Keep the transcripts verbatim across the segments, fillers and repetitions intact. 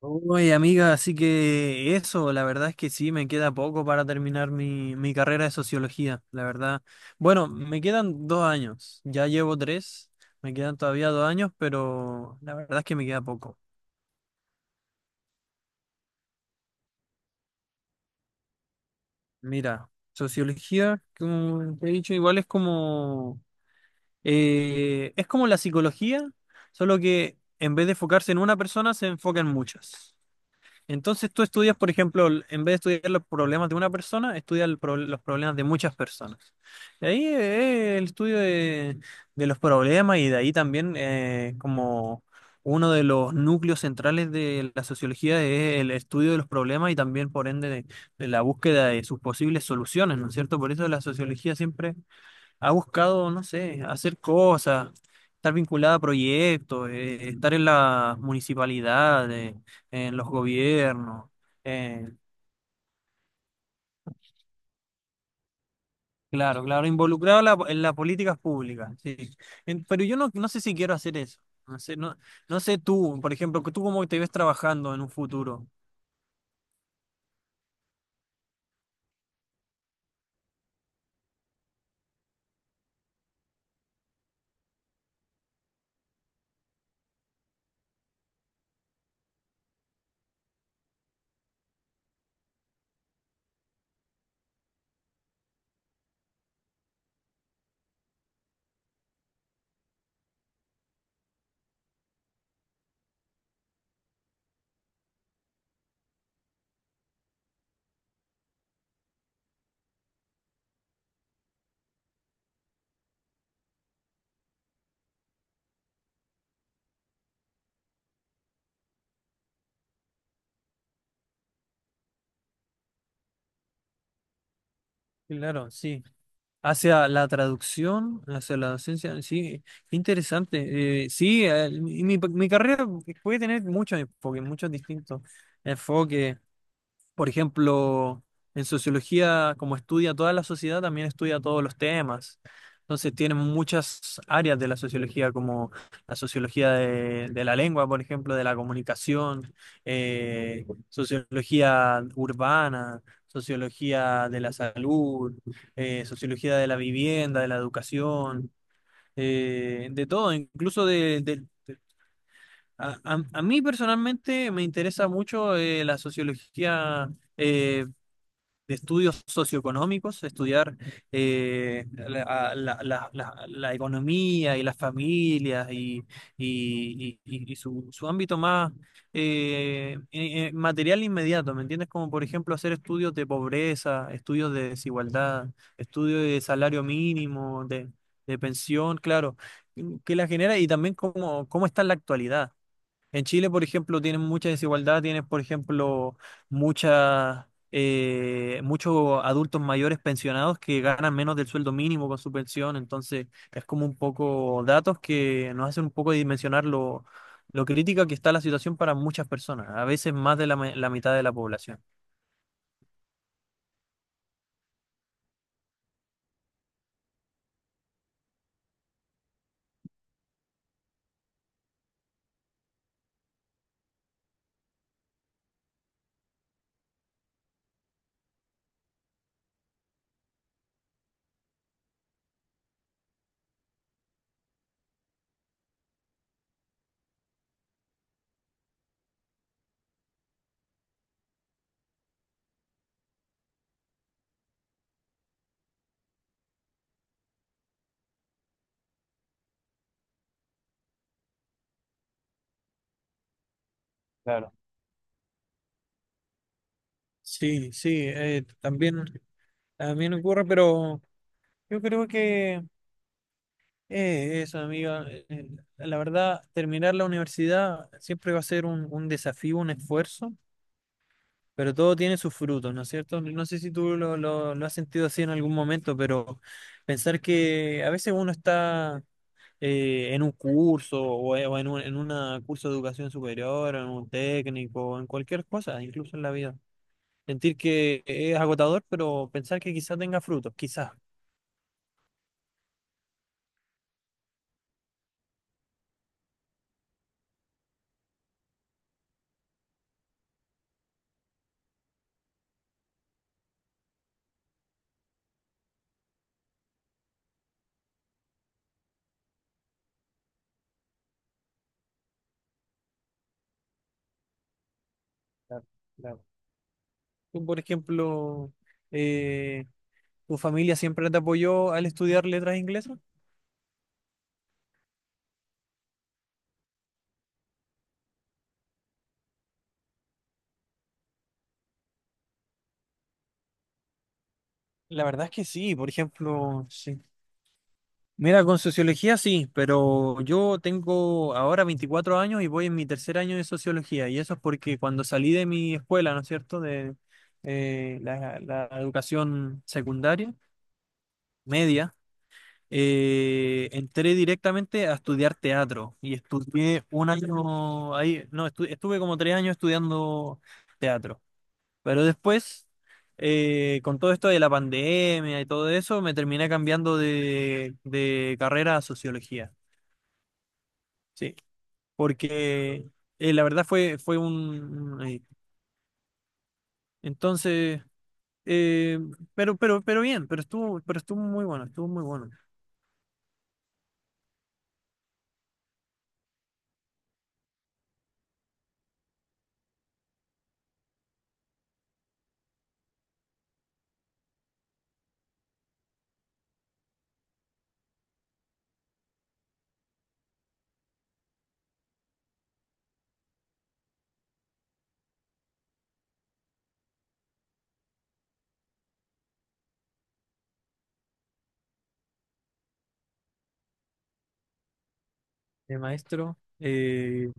Oye, amiga, así que eso, la verdad es que sí, me queda poco para terminar mi, mi carrera de sociología, la verdad. Bueno, me quedan dos años, ya llevo tres, me quedan todavía dos años, pero la verdad es que me queda poco. Mira, sociología, como te he dicho, igual es como, eh, es como la psicología, solo que en vez de enfocarse en una persona, se enfoca en muchas. Entonces tú estudias, por ejemplo, el- en vez de estudiar los problemas de una persona, estudias el pro- los problemas de muchas personas. Y ahí eh, el estudio de, de, los problemas, y de ahí también, eh, como uno de los núcleos centrales de la sociología es el estudio de los problemas y también, por ende, de, de la búsqueda de sus posibles soluciones, ¿no es cierto? Por eso la sociología siempre ha buscado, no sé, hacer cosas, estar vinculada a proyectos, eh, estar en las municipalidades, en los gobiernos, eh, claro, claro, involucrada en la- en las políticas públicas, sí. En- pero yo no, no sé si quiero hacer eso. No sé, no, no sé tú, por ejemplo, que tú cómo te ves trabajando en un futuro. Claro, sí. Hacia la traducción, hacia la docencia, sí, qué interesante. Eh, sí, eh, mi, mi mi carrera puede tener muchos enfoques, muchos distintos enfoques. Por ejemplo, en sociología, como estudia toda la sociedad, también estudia todos los temas. Entonces, tienen muchas áreas de la sociología, como la sociología de, de, la lengua, por ejemplo, de la comunicación, eh, sociología urbana, sociología de la salud, eh, sociología de la vivienda, de la educación, eh, de todo, incluso de... de- a, a- a mí personalmente me interesa mucho, eh, la sociología, eh, de estudios socioeconómicos, estudiar, eh, la, la- la- la- la economía y las familias, y, y- y- y- y su, su ámbito más, eh, eh, eh, material inmediato, ¿me entiendes? Como por ejemplo, hacer estudios de pobreza, estudios de desigualdad, estudios de salario mínimo, de, de, pensión, claro, que la genera y también cómo, cómo está en la actualidad. En Chile, por ejemplo, tienen mucha desigualdad, tienes, por ejemplo, muchas, eh, muchos adultos mayores pensionados que ganan menos del sueldo mínimo con su pensión. Entonces es como un poco, datos que nos hacen un poco dimensionar lo, lo crítica que está la situación para muchas personas, a veces más de la, me- la mitad de la población. Claro. Sí, sí, eh, también, también, ocurre, pero yo creo que. Eh, eso, amiga. Eh, eh, la verdad, terminar la universidad siempre va a ser un, un desafío, un esfuerzo, pero todo tiene sus frutos, ¿no es cierto? No sé si tú lo, lo- lo has sentido así en algún momento, pero pensar que a veces uno está, eh, en un curso o, e- o en un en una curso de educación superior, en un técnico, en cualquier cosa, incluso en la vida. Sentir que es agotador, pero pensar que quizás tenga frutos, quizás. Claro, claro. Tú, por ejemplo. eh, ¿Tu familia siempre te apoyó al estudiar letras inglesas? La verdad es que sí, por ejemplo, sí. Mira, con sociología sí, pero yo tengo ahora veinticuatro años y voy en mi tercer año de sociología, y eso es porque cuando salí de mi escuela, ¿no es cierto?, de, eh, la, la educación secundaria, media, eh, entré directamente a estudiar teatro y estudié un año ahí, no, estu- estuve como tres años estudiando teatro. Pero después, eh, con todo esto de la pandemia y todo eso, me terminé cambiando de, de, carrera a sociología. Sí, porque, eh, la verdad, fue, fue un... un- eh, Entonces, eh, pero, pero, pero bien, pero estuvo, pero estuvo muy bueno, estuvo muy bueno. El maestro, eh,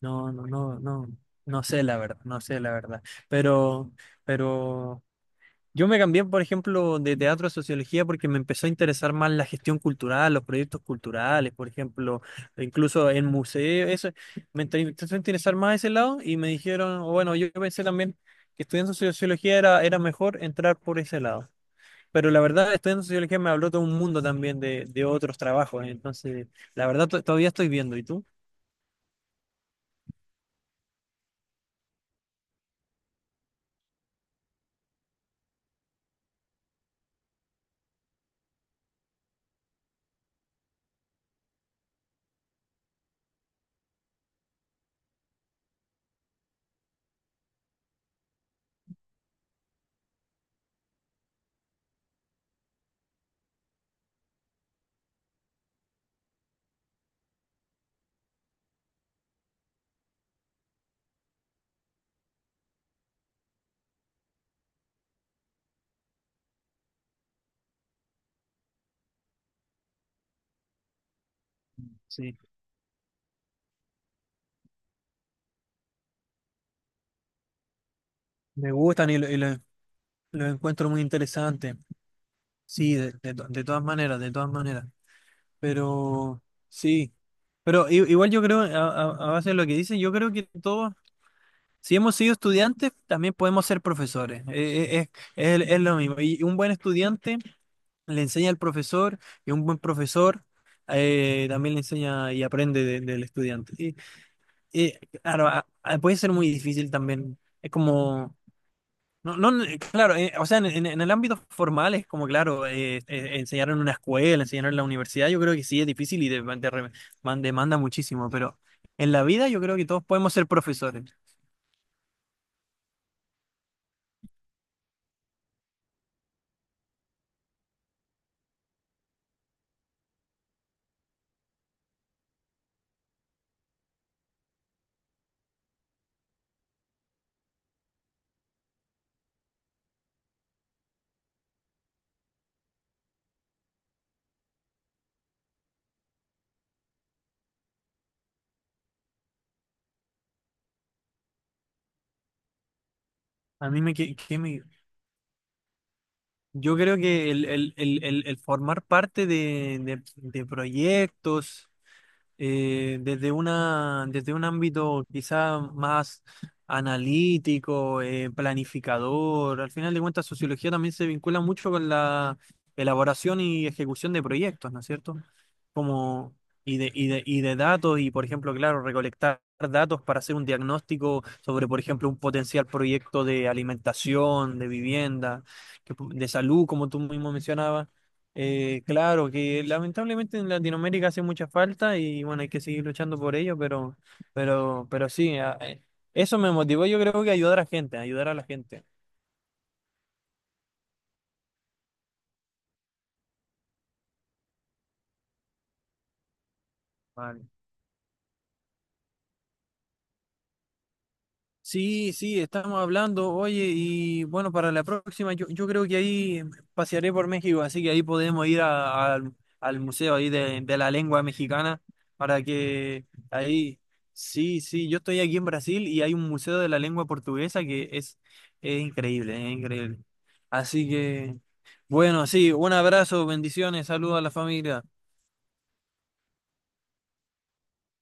no, no, no, no, no sé la verdad, no sé la verdad. Pero, pero Yo me cambié, por ejemplo, de teatro a sociología porque me empezó a interesar más la gestión cultural, los proyectos culturales, por ejemplo, e incluso en museos, eso. Me inter- empezó a interesar más ese lado y me dijeron, o bueno, yo pensé también que estudiando sociología era, era mejor entrar por ese lado. Pero la verdad, estudiando sociología me habló todo un mundo también de, de, otros trabajos. Entonces, la verdad, to- todavía estoy viendo. ¿Y tú? Sí. Me gustan y, lo- y lo- los encuentro muy interesantes. Sí, de de to- de todas maneras, de todas maneras. Pero sí, pero i- igual yo creo, a, a- a base de lo que dicen, yo creo que todos, si hemos sido estudiantes, también podemos ser profesores. Eh, eh, Es, es, es lo mismo. Y un buen estudiante le enseña al profesor, y un buen profesor, eh, también le enseña y aprende de- del estudiante. Y, y, claro, a- a- puede ser muy difícil también. Es como. No, no, eh, claro, eh, o sea, en, en- en el ámbito formal es como, claro, eh, eh, enseñar en una escuela, enseñar en la universidad, yo creo que sí es difícil y de- de re- man- demanda muchísimo, pero en la vida yo creo que todos podemos ser profesores. A mí me, que, que me- yo creo que el, el- el- el- el formar parte de, de- de proyectos, eh, desde una, desde un ámbito quizá más analítico, eh, planificador. Al final de cuentas, sociología también se vincula mucho con la elaboración y ejecución de proyectos, ¿no es cierto? Como, y de, y de, y de datos, y por ejemplo, claro, recolectar datos para hacer un diagnóstico sobre, por ejemplo, un potencial proyecto de alimentación, de vivienda, que pu- de salud, como tú mismo mencionabas. Eh, claro, que lamentablemente en Latinoamérica hace mucha falta y, bueno, hay que seguir luchando por ello, pero, pero, pero, sí, a- eh, eso me motivó, yo creo que, ayudar a la gente, ayudar a la gente. Vale. Sí, sí, estamos hablando, oye, y bueno, para la próxima yo, yo, creo que ahí pasearé por México, así que ahí podemos ir a- al al museo ahí de, de la lengua mexicana para que ahí. Sí, sí, yo estoy aquí en Brasil, y hay un museo de la lengua portuguesa que es, es increíble, es increíble. Así que, bueno, sí, un abrazo, bendiciones, saludos a la familia.